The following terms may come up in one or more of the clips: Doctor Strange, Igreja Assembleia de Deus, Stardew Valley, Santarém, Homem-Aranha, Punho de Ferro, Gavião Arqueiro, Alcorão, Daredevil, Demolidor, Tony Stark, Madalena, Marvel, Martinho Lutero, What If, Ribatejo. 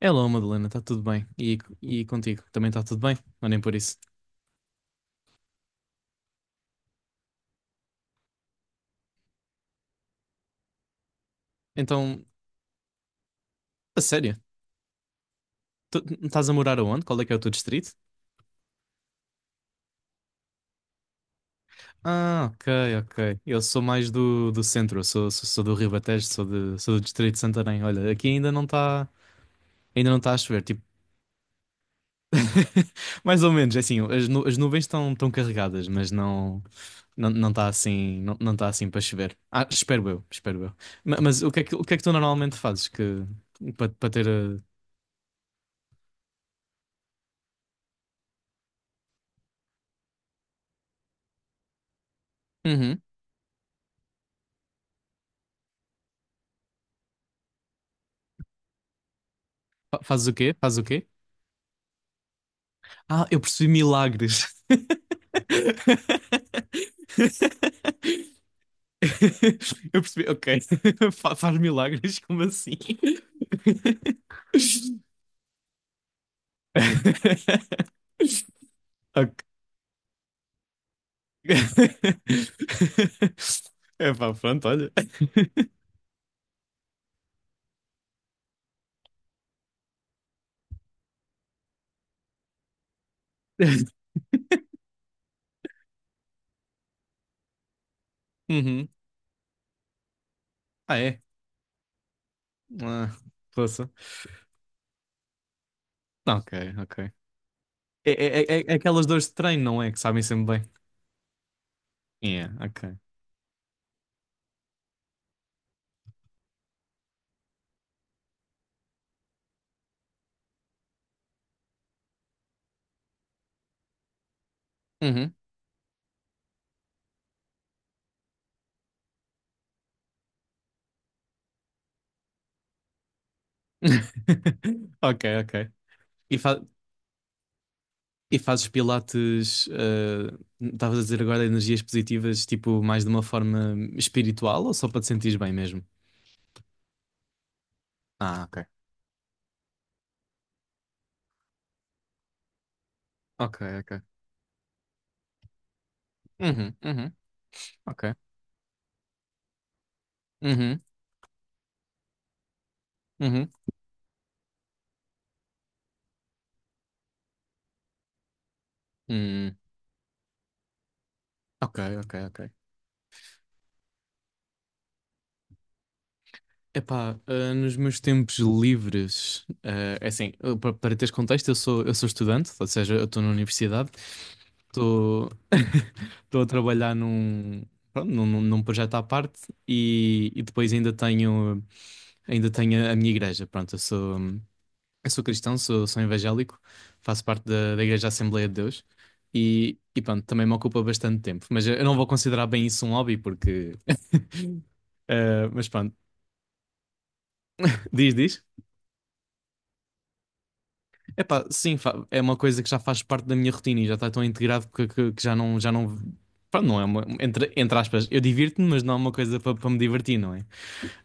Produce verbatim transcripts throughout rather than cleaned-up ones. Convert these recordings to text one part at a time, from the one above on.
Hello, Madalena, está tudo bem? E, e contigo? Também está tudo bem? Ou nem por isso? Então, a sério? Tu estás a morar aonde? Qual é que é o teu distrito? Ah, ok, ok. Eu sou mais do, do centro, eu sou, sou, sou do Ribatejo, sou, de, sou do distrito de Santarém. Olha, aqui ainda não está ainda não está a chover, tipo... Mais ou menos, é assim, as, nu- as nuvens estão estão carregadas, mas não... Não, não está assim, não, não está assim para chover. Ah, espero eu, espero eu. Ma- Mas, o que é que, o que é que tu normalmente fazes que, para, para ter... a- Uhum. Fa- Fazes o quê? Fazes o quê? Ah, eu percebi milagres. Eu percebi, ok. Fa- Faz milagres, como assim? Ok. É pá, pronto, olha. Uhum. Ah, é? Ah, poça. Ok, ok. É, é, é, é aquelas dores de treino, não é? Que sabem sempre bem. Yeah, ok. Uhum. Ok, ok. E, fa- e fazes pilates, ah, estavas a dizer agora energias positivas, tipo, mais de uma forma espiritual ou só para te sentires bem mesmo? Ah, ok. Ok, ok. Uhum, uhum, ok. Uhum, uhum. Hum, ok, ok, ok. Epá, ah, nos meus tempos livres, ah, é assim, eu, pa- para teres contexto, eu sou, eu sou estudante, ou seja, eu estou na universidade, estou estou a trabalhar num, pronto, num, num num projeto à parte e, e depois ainda tenho. Ainda tenho a a minha igreja, pronto, eu sou, eu sou cristão, sou, sou evangélico, faço parte da, da Igreja Assembleia de Deus e, e pronto, também me ocupa bastante tempo. Mas eu eu não vou considerar bem isso um hobby porque... eh, Mas pronto, diz, diz. Epá, sim, fa- é uma coisa que já faz parte da minha rotina e já está tão integrado que, que, que já não, já não... Pronto, não é uma... Entre, entre aspas, eu divirto-me, mas não é uma coisa para para me divertir, não é?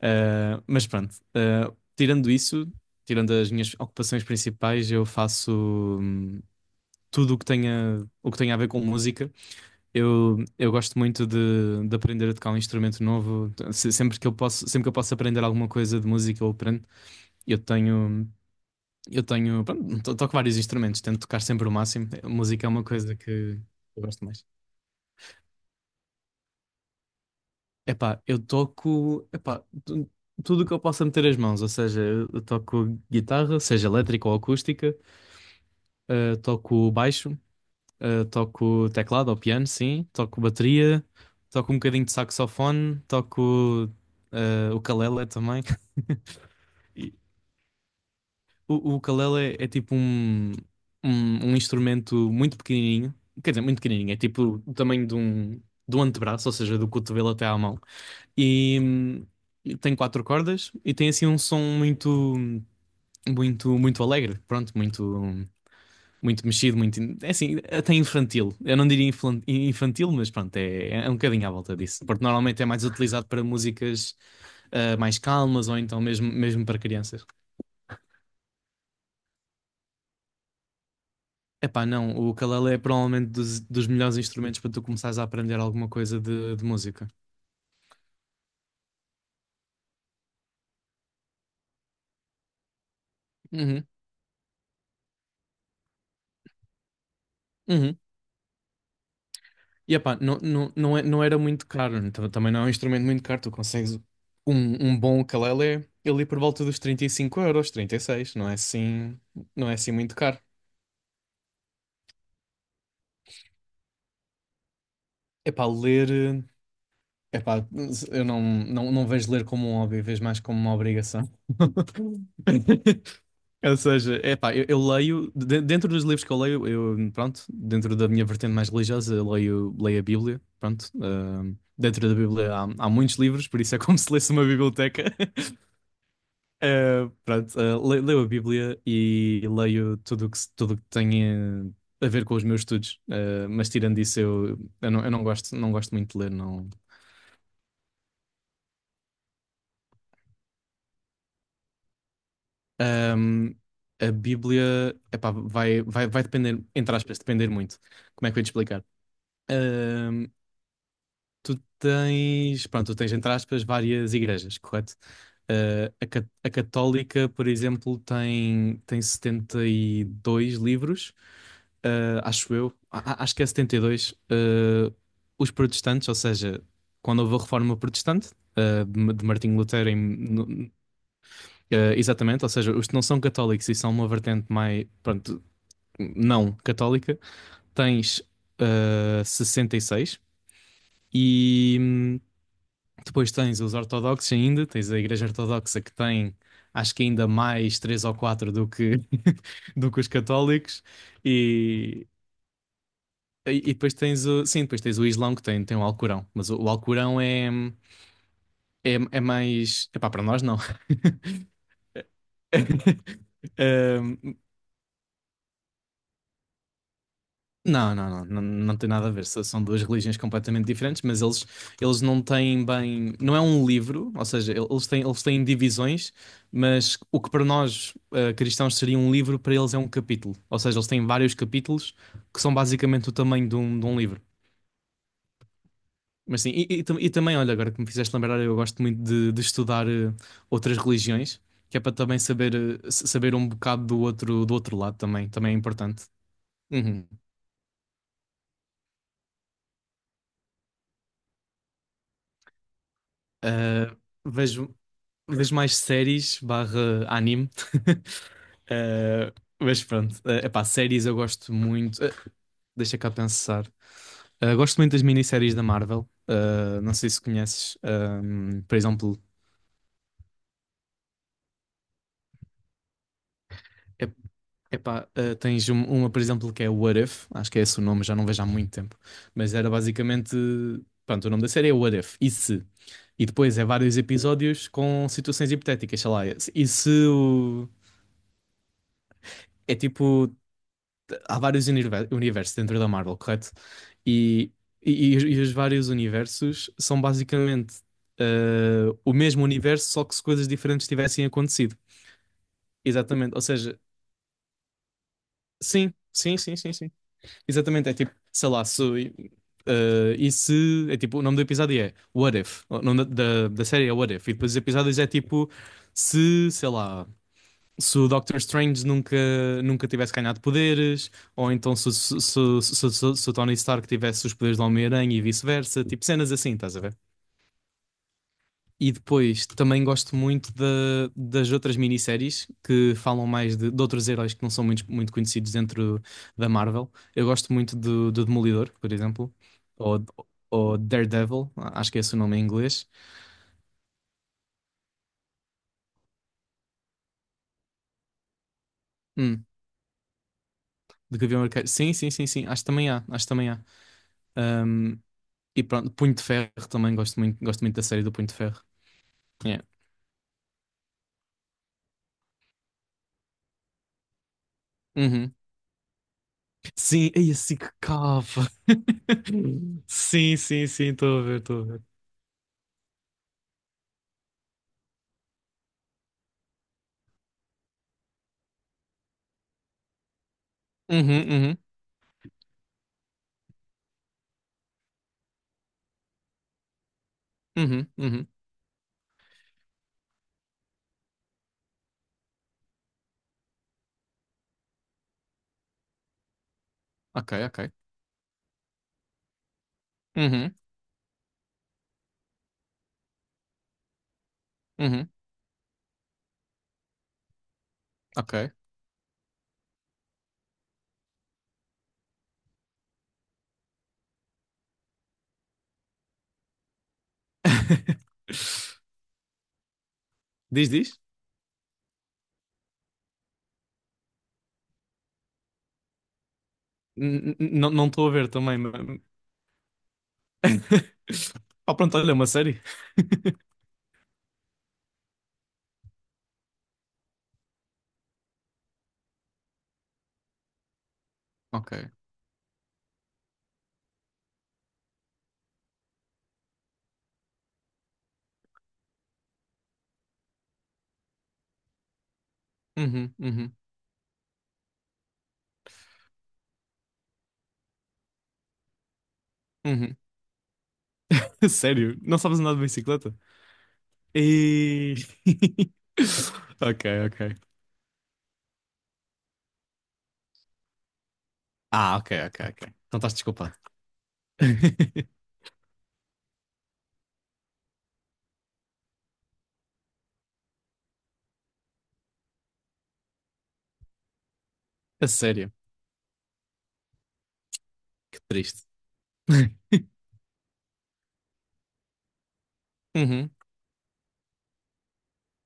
Eh, mas pronto, eh, tirando isso... Tirando as minhas ocupações principais, eu faço. hum, Tudo o que tenha, o que tenha a ver com música. Eu, eu gosto muito de, de aprender a tocar um instrumento novo. Se- Sempre que eu posso, sempre que eu posso aprender alguma coisa de música, eu aprendo. Eu tenho, eu tenho, pronto, to- toco vários instrumentos, tento tocar sempre o máximo. Música é uma coisa que eu gosto mais. Epá, eu toco, epá, tu- tudo o que eu possa meter as mãos, ou seja, eu eu toco guitarra, seja elétrica ou acústica, eh, toco baixo. Uh, toco teclado ou piano, sim. Toco bateria. Toco um bocadinho de saxofone. Toco eh, o ukulele também. E o, o ukulele é é tipo um, um, um instrumento muito pequenininho. Quer dizer, muito pequenininho. É tipo o tamanho de um, do antebraço, ou seja, do cotovelo até à mão. E hum, tem quatro cordas e tem assim um som muito, muito, muito alegre. Pronto, muito, muito mexido, muito... in- É assim, até infantil. Eu não diria inflan- infantil, mas pronto, é, é um bocadinho à volta disso. Porque normalmente é mais utilizado para músicas ah, mais calmas ou então mesmo, mesmo para crianças. Epá, não, o ukulele é provavelmente dos, dos melhores instrumentos para tu começares a aprender alguma coisa de, de música. Uhum, uhum. E epá, não, não, não, é- não era muito caro, então também não é um instrumento muito caro, tu consegues um, um bom ukulele ali por volta dos trinta e cinco euros, trinta e seis, não é assim, não é assim muito caro. Epá, ler, eh, Epá, eu não, não, não vejo ler como um hobby, vejo mais como uma obrigação. Ou seja, epá, eu, eu leio, de- dentro dos livros que eu leio, eu, pronto, dentro da minha vertente mais religiosa, eu leio, leio a Bíblia, pronto. Ah, dentro da Bíblia há, há muitos livros, por isso é como se lesse uma biblioteca. Ah, pronto, ah, le- leio a Bíblia e leio tudo o que, se- tudo o que tem eh, a ver com os meus estudos. Ah, mas tirando isso, eu, eu não, eu não gosto, não gosto muito de ler, não. Ahm, a Bíblia, epá, vai, vai, vai depender, entre aspas, depender muito. Como é que eu ia te explicar? Ahm, Tu tens, pronto, tu tens, entre aspas, várias igrejas, correto? Ah, a, ca- a católica, por exemplo, tem, tem setenta e dois livros, ah, acho eu. A- a- acho que é setenta e dois. Ah, os protestantes, ou seja, quando houve a reforma protestante, ah, de, de Martinho Lutero em eh, exatamente, ou seja, os que não são católicos e são uma vertente mais, pronto, não católica, tens eh, sessenta e seis e seis e hum, depois tens os ortodoxos ainda, tens a Igreja Ortodoxa que tem acho que ainda mais três ou quatro do que, do que os católicos e, e e depois tens o, sim, depois tens o Islão que tem, tem o Alcorão, mas o, o Alcorão é, é, é mais, epá, para nós não. Um, Não, não, não, não, não tem nada a ver. São são duas religiões completamente diferentes, mas eles, eles não têm bem. Não é um livro, ou seja, eles têm, eles têm divisões, mas o que para nós, eh, cristãos seria um livro, para eles é um capítulo. Ou seja, eles têm vários capítulos que são basicamente o tamanho de um, de um livro. Mas sim, e, e tam- e também, olha, agora que me fizeste lembrar, eu gosto muito de, de estudar eh, outras religiões, que é para também saber, eh, s- saber um bocado do outro, do outro lado também. Também é importante. Uhum. Ah, vejo. Vês mais séries barra anime. Eh, mas pronto, é epá, séries eu gosto muito. Eh, deixa cá pensar. Eh, gosto muito das minisséries da Marvel. Eh, não sei se conheces. Ehm, por exemplo, é, epá, eh, tens um- uma, por exemplo, que é What If. Acho que é esse o nome, já não vejo há muito tempo. Mas era basicamente. Pronto, o nome da série é What If. E se? E depois é vários episódios com situações hipotéticas, sei lá. E se o. É tipo. Há vários univer- universos dentro da Marvel, correto? E, e, e os vários universos são basicamente eh, o mesmo universo, só que se coisas diferentes tivessem acontecido. Exatamente, ou seja, sim, sim, sim, sim, sim. Exatamente, é tipo, sei lá, se, eh, e se, é tipo, o nome do episódio é What If, o nome da, da, da série é What If, e depois os episódios é tipo, se, sei lá. Se o Doctor Strange nunca, nunca tivesse ganhado poderes, ou então se, se, se, se, se- se o Tony Stark tivesse os poderes do Homem-Aranha e vice-versa, tipo cenas assim, estás a ver? E depois também gosto muito da- das outras minisséries que falam mais de, de outros heróis que não são muito, muito conhecidos dentro da Marvel. Eu gosto muito do, do Demolidor, por exemplo, ou, ou Daredevil, acho que é esse o nome em inglês. Hum, do Gavião Arqueiro. Sim, sim, sim, sim, acho que também há, acho que também há. E pronto, Punho de Ferro também gosto muito, gosto muito da série do Punho de Ferro. Yeah. Uhum. Sim, aí assim que cava. Sim, sim, sim, estou a ver, estou a ver. Uhum, uhum, uhum, uhum. Ok, ok. Uhum, uhum, ok. Diz, diz? N- n- Não não estou a ver também, mas- Oh, pronto, olha, é uma série. Ok. Uhum, uhum, uhum. Sério? Não sabes andar de bicicleta? E... Ok, ok. Ah, ok, ok, ok. Então estás desculpado. A sério, que triste. Uhum.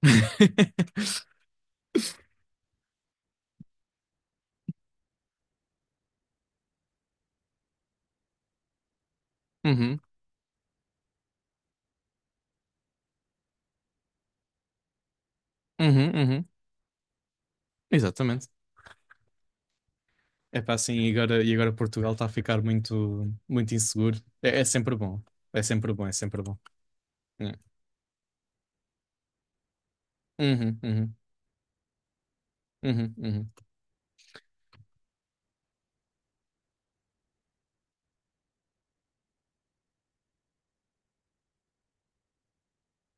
Uhum, uhum, uhum. Exatamente. É para assim, e agora, e agora Portugal está a ficar muito, muito inseguro. É, é sempre bom. É sempre bom, é sempre bom. É. Uhum, uhum, uhum, uhum.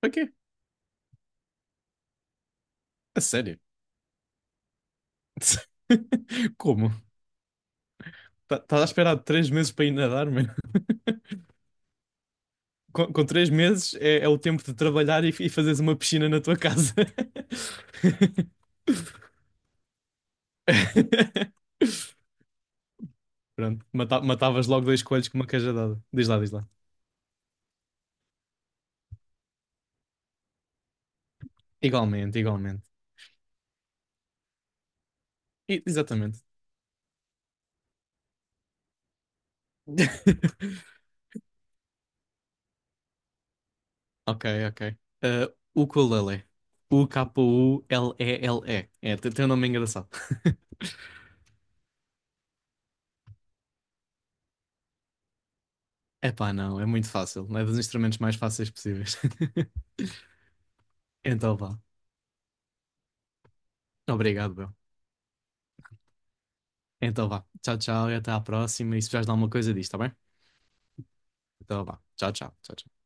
Para quê? A sério? Como? Tá, estás a esperar três meses para ir nadar, mano? Com, com três meses é, é o tempo de trabalhar e, e fazeres uma piscina na tua casa. Pronto, mata- matavas logo dois coelhos com uma cajadada. Diz lá, diz lá. Igualmente, igualmente. I- exatamente. Ok, ok. O ukulele. U K U L E L E. É, tem tem um nome engraçado. Epá, não, é muito fácil. É dos instrumentos mais fáceis possíveis. Então vá. Obrigado, Bel. Então vá. Tchau, tchau e até à próxima. E se precisares de alguma coisa disto, tá bem? Então vá. Tchau, tchau. Tchau, tchau.